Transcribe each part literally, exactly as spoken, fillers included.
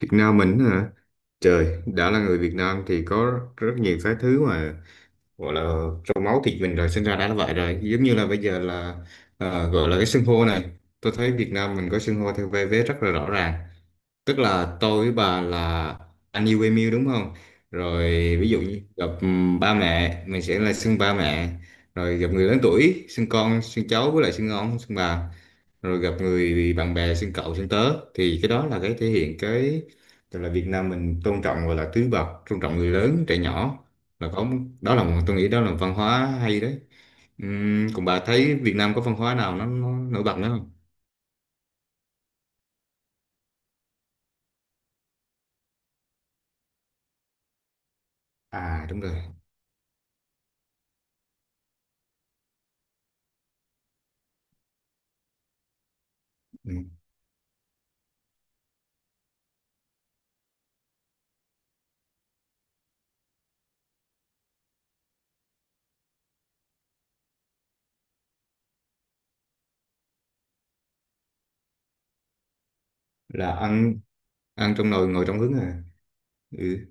Việt Nam mình hả? Trời, đã là người Việt Nam thì có rất nhiều cái thứ mà gọi là trong máu thịt mình rồi sinh ra đã là vậy rồi. Giống như là bây giờ là ờ, gọi là cái xưng hô này. Tôi thấy Việt Nam mình có xưng hô theo vai vế rất là rõ ràng tức là tôi với bà là anh yêu em yêu đúng không rồi ví dụ như gặp ừm, ba mẹ mình sẽ là xưng ba mẹ rồi gặp người lớn tuổi xưng con xưng cháu với lại xưng ông xưng bà rồi gặp người bạn bè xưng cậu xưng tớ thì cái đó là cái thể hiện cái tức là Việt Nam mình tôn trọng gọi là tứ bậc tôn trọng người lớn trẻ nhỏ là có đó là một tôi nghĩ đó là văn hóa hay đấy. Ừm, còn bà thấy Việt Nam có văn hóa nào nó, nó nổi bật nữa không? À đúng rồi. Ừ. Là ăn ăn trong nồi ngồi trong hứng à? Ừ.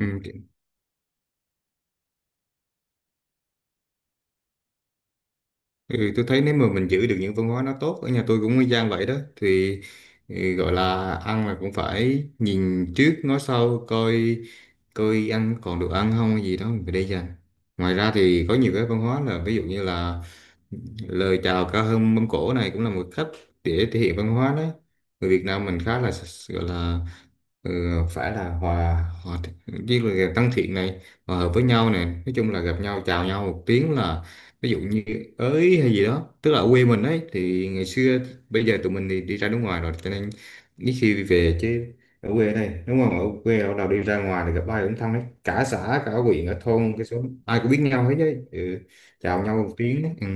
Ừ. Ừ tôi thấy nếu mà mình giữ được những văn hóa nó tốt ở nhà tôi cũng y chang vậy đó thì ừ, gọi là ăn là cũng phải nhìn trước ngó sau coi coi ăn còn được ăn không hay gì đó mình phải để dành. Ngoài ra thì có nhiều cái văn hóa là ví dụ như là lời chào cao hơn mâm cỗ này cũng là một cách để thể hiện văn hóa đấy. Người Việt Nam mình khá là s- gọi là ừ, phải là hòa hòa với là tăng thiện này hòa hợp với nhau này nói chung là gặp nhau chào nhau một tiếng là ví dụ như ới hay gì đó tức là ở quê mình ấy thì ngày xưa bây giờ tụi mình thì đi ra nước ngoài rồi cho nên ít khi về chứ. Ở quê này đúng không ở quê ở nào đi ra ngoài thì gặp ai cũng thân đấy cả xã cả huyện cả thôn cái số ai cũng biết nhau hết đấy. Ừ. Chào nhau một tiếng đấy. Ừ.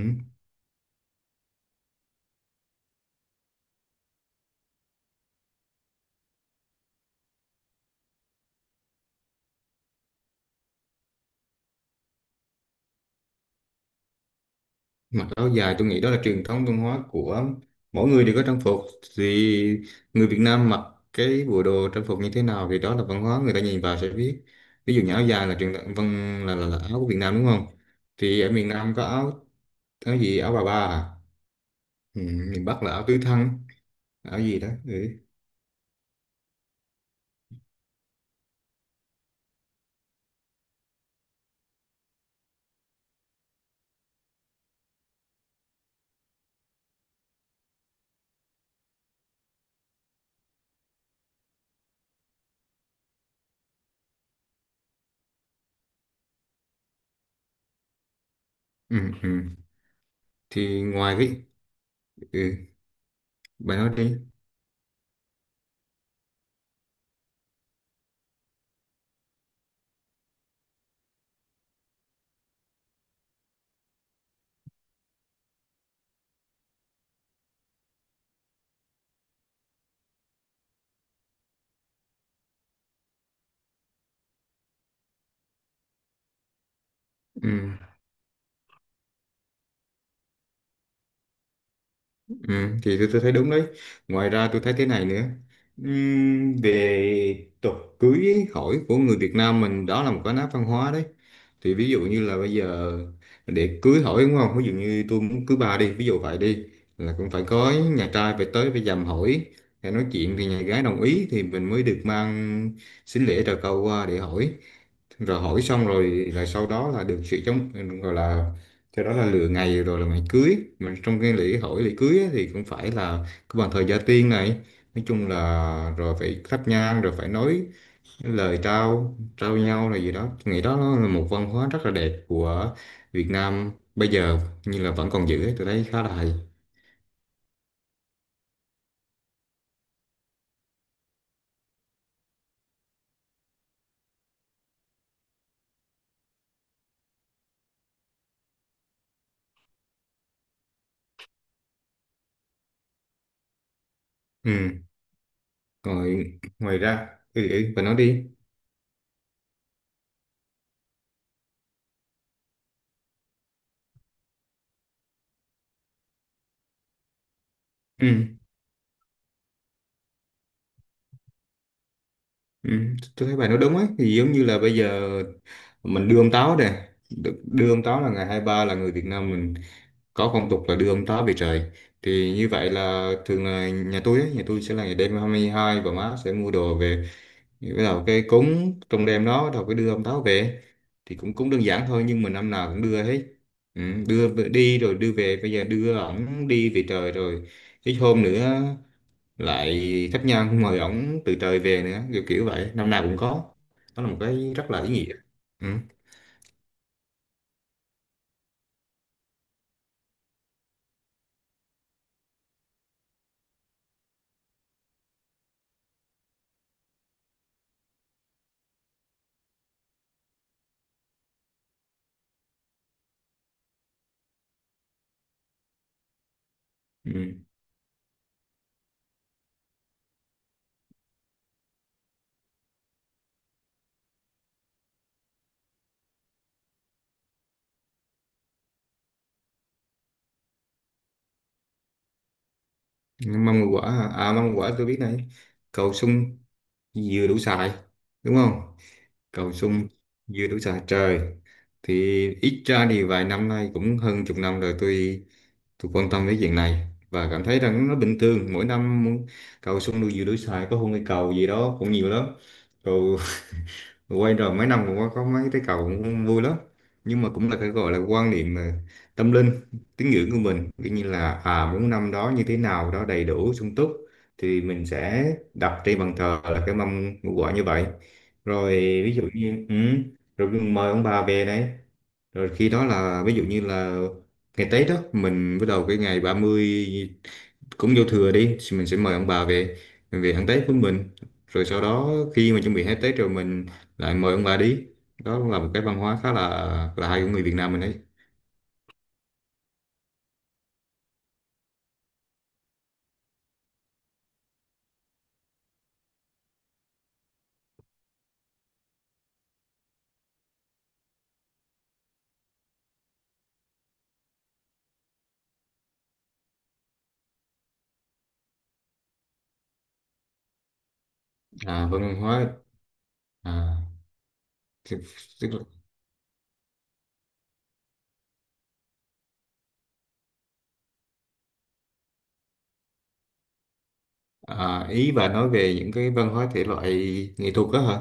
Mặc áo dài tôi nghĩ đó là truyền thống văn hóa của mỗi người đều có trang phục thì người Việt Nam mặc cái bộ đồ trang phục như thế nào thì đó là văn hóa người ta nhìn vào sẽ biết. Ví dụ như áo dài là truyền thống văn là, là, là áo của Việt Nam đúng không? Thì ở miền Nam có áo áo gì áo bà ba à? Ừ, miền Bắc là áo tứ thân áo gì đó. Ừ. Ừ, ừ. Thì ngoài cái ừ, bà nói đi. Ừ. Ừ, thì tôi, tôi thấy đúng đấy. Ngoài ra tôi thấy thế này nữa. Ừm, về tục cưới hỏi của người Việt Nam mình đó là một cái nét văn hóa đấy. Thì ví dụ như là bây giờ để cưới hỏi đúng không? Ví dụ như tôi muốn cưới bà đi, ví dụ vậy đi là cũng phải có nhà trai phải tới phải dằm hỏi để nói chuyện thì nhà gái đồng ý thì mình mới được mang sính lễ trầu cau qua để hỏi rồi hỏi xong rồi rồi sau đó là được sự chống gọi là cho đó là lựa ngày rồi là ngày cưới mà trong cái lễ hỏi lễ cưới ấy, thì cũng phải là cái bàn thờ gia tiên này nói chung là rồi phải thắp nhang rồi phải nói lời trao trao nhau là gì đó. Tôi nghĩ đó nó là một văn hóa rất là đẹp của Việt Nam bây giờ như là vẫn còn giữ ấy, tôi thấy khá là hay. Ừ. Rồi ngoài ra ừ, ừ, bà nói đi. Ừ. Ừ, tôi thấy bài nói đúng ấy thì giống như là bây giờ mình đưa ông táo nè. Được- đưa ông táo là ngày hai ba là người Việt Nam mình có phong tục là đưa ông táo về trời. Thì như vậy là thường là nhà tôi ấy, nhà tôi sẽ là ngày đêm hai mươi hai và má sẽ mua đồ về bắt đầu cái cúng trong đêm đó bắt đầu cái đưa ông táo về. Thì cũng cũng đơn giản thôi nhưng mà năm nào cũng đưa hết. Ừ, đưa về- đi rồi đưa về bây giờ đưa ổng đi về trời rồi ít hôm nữa lại khách nhân mời ổng từ trời về nữa kiểu kiểu vậy năm nào cũng có. Đó là một cái rất là ý nghĩa. Ừ. Ừ. Mâm ngũ quả hả? À mâm ngũ quả tôi biết này cầu sung dừa đủ xài đúng không? Cầu sung dừa đủ xài trời. Thì ít ra thì vài năm nay cũng hơn chục năm rồi tôi tôi quan tâm đến chuyện này và cảm thấy rằng nó bình thường mỗi năm cầu sung đu dừa đủ xài có hôn cây cầu gì đó cũng nhiều lắm. Cầu quay rồi mấy năm cũng có, có mấy cái cầu cũng vui lắm. Nhưng mà cũng là cái gọi là quan niệm ờ, tâm linh tín ngưỡng của mình. Tuy như là à muốn năm đó như thế nào đó đầy đủ sung túc thì mình sẽ đặt trên bàn thờ là cái mâm ngũ quả như vậy. Rồi ví dụ như ừ, rồi mời ông bà về đấy rồi khi đó là ví dụ như là ngày Tết đó mình bắt đầu cái ngày ba mươi cũng vô thừa đi thì mình sẽ mời ông bà về mình về ăn Tết với mình rồi sau đó khi mà chuẩn bị hết Tết rồi mình lại mời ông bà đi. Đó là một cái văn hóa khá là là hay của người Việt Nam mình đấy. À, văn hóa à, tức- tức là- à, ý bà nói về những cái văn hóa thể loại nghệ thuật đó hả?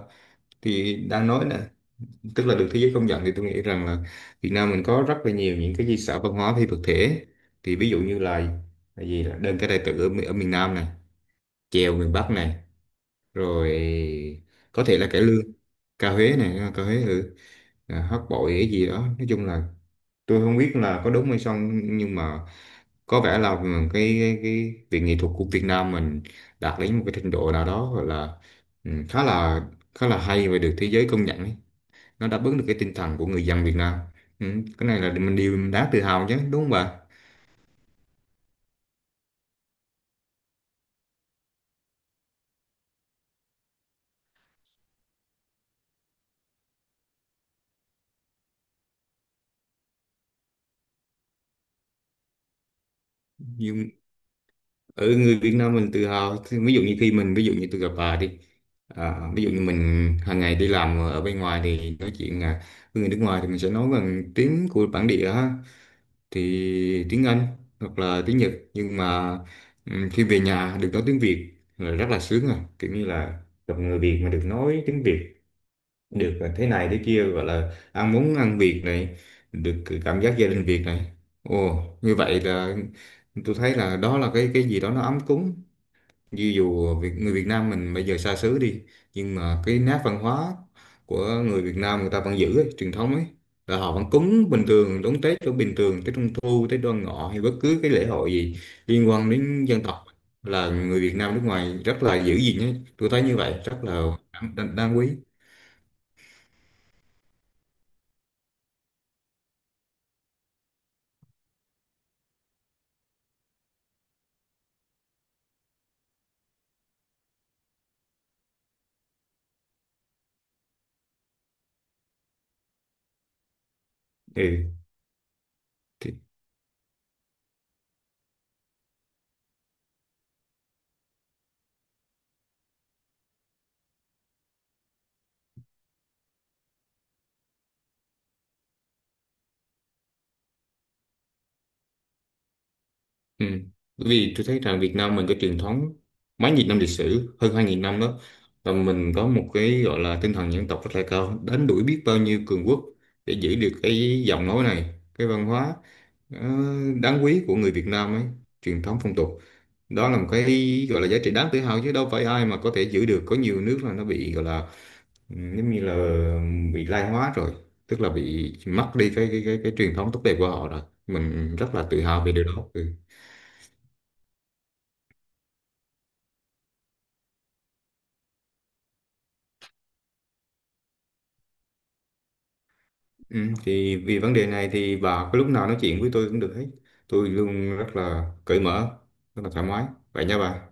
Thì đang nói nè tức là được thế giới công nhận thì tôi nghĩ rằng là Việt Nam mình có rất là nhiều những cái di sản văn hóa phi vật thể. Thì ví dụ như là là gì là đơn ca tài tử ở, mi- ở miền Nam này chèo miền Bắc này rồi có thể là cải lương ca Huế này à, ca Huế ừ. À, hát bội cái gì đó nói chung là tôi không biết là có đúng hay không nhưng mà có vẻ là cái cái, cái việc nghệ thuật của Việt Nam mình đạt đến một cái trình độ nào đó gọi là ừ, khá là khá là hay và được thế giới công nhận ấy. Nó đáp ứng được cái tinh thần của người dân Việt Nam. Ừ, cái này là mình điều mình đáng tự hào chứ đúng không bà? Nhưng ở người Việt Nam mình tự hào thì ví dụ như khi mình ví dụ như tôi gặp bà đi à, ví dụ như mình hàng ngày đi làm ở bên ngoài thì nói chuyện à, với người nước ngoài thì mình sẽ nói bằng tiếng của bản địa ha thì tiếng Anh hoặc là tiếng Nhật nhưng mà ừ, khi về nhà được nói tiếng Việt là rất là sướng à kiểu như là gặp người Việt mà được nói tiếng Việt được thế này thế kia gọi là ăn muốn ăn Việt này được cảm giác gia đình Việt này. Ồ như vậy là tôi thấy là đó là cái cái gì đó nó ấm cúng như dù Việt, người Việt Nam mình bây giờ xa xứ đi nhưng mà cái nét văn hóa của người Việt Nam người ta vẫn giữ ấy, truyền thống ấy là họ vẫn cúng bình thường đón Tết đón bình thường Tết Trung Thu Tết Đoan Ngọ hay bất cứ cái lễ hội gì liên quan đến dân tộc là người Việt Nam nước ngoài rất là giữ gìn ấy tôi thấy như vậy rất là đáng, đáng đáng quý. Ừ. Ừ. Bởi vì tôi thấy rằng Việt Nam mình cái truyền thống mấy nghìn năm lịch sử hơn hai nghìn năm đó và mình có một cái gọi là tinh thần dân tộc rất là cao đánh đuổi biết bao nhiêu cường quốc để giữ được cái giọng nói này cái văn hóa ờ, đáng quý của người Việt Nam ấy truyền thống phong tục. Đó là một cái gọi là giá trị đáng tự hào chứ đâu phải ai mà có thể giữ được có nhiều nước là nó bị gọi là ừ, giống như là bị lai hóa rồi tức là bị mất đi cái cái cái, cái truyền thống tốt đẹp của họ rồi mình rất là tự hào về điều đó. Ừ. Ừ, thì vì vấn đề này thì bà có lúc nào nói chuyện với tôi cũng được hết. Tôi luôn rất là cởi mở, rất là thoải mái. Vậy nha bà.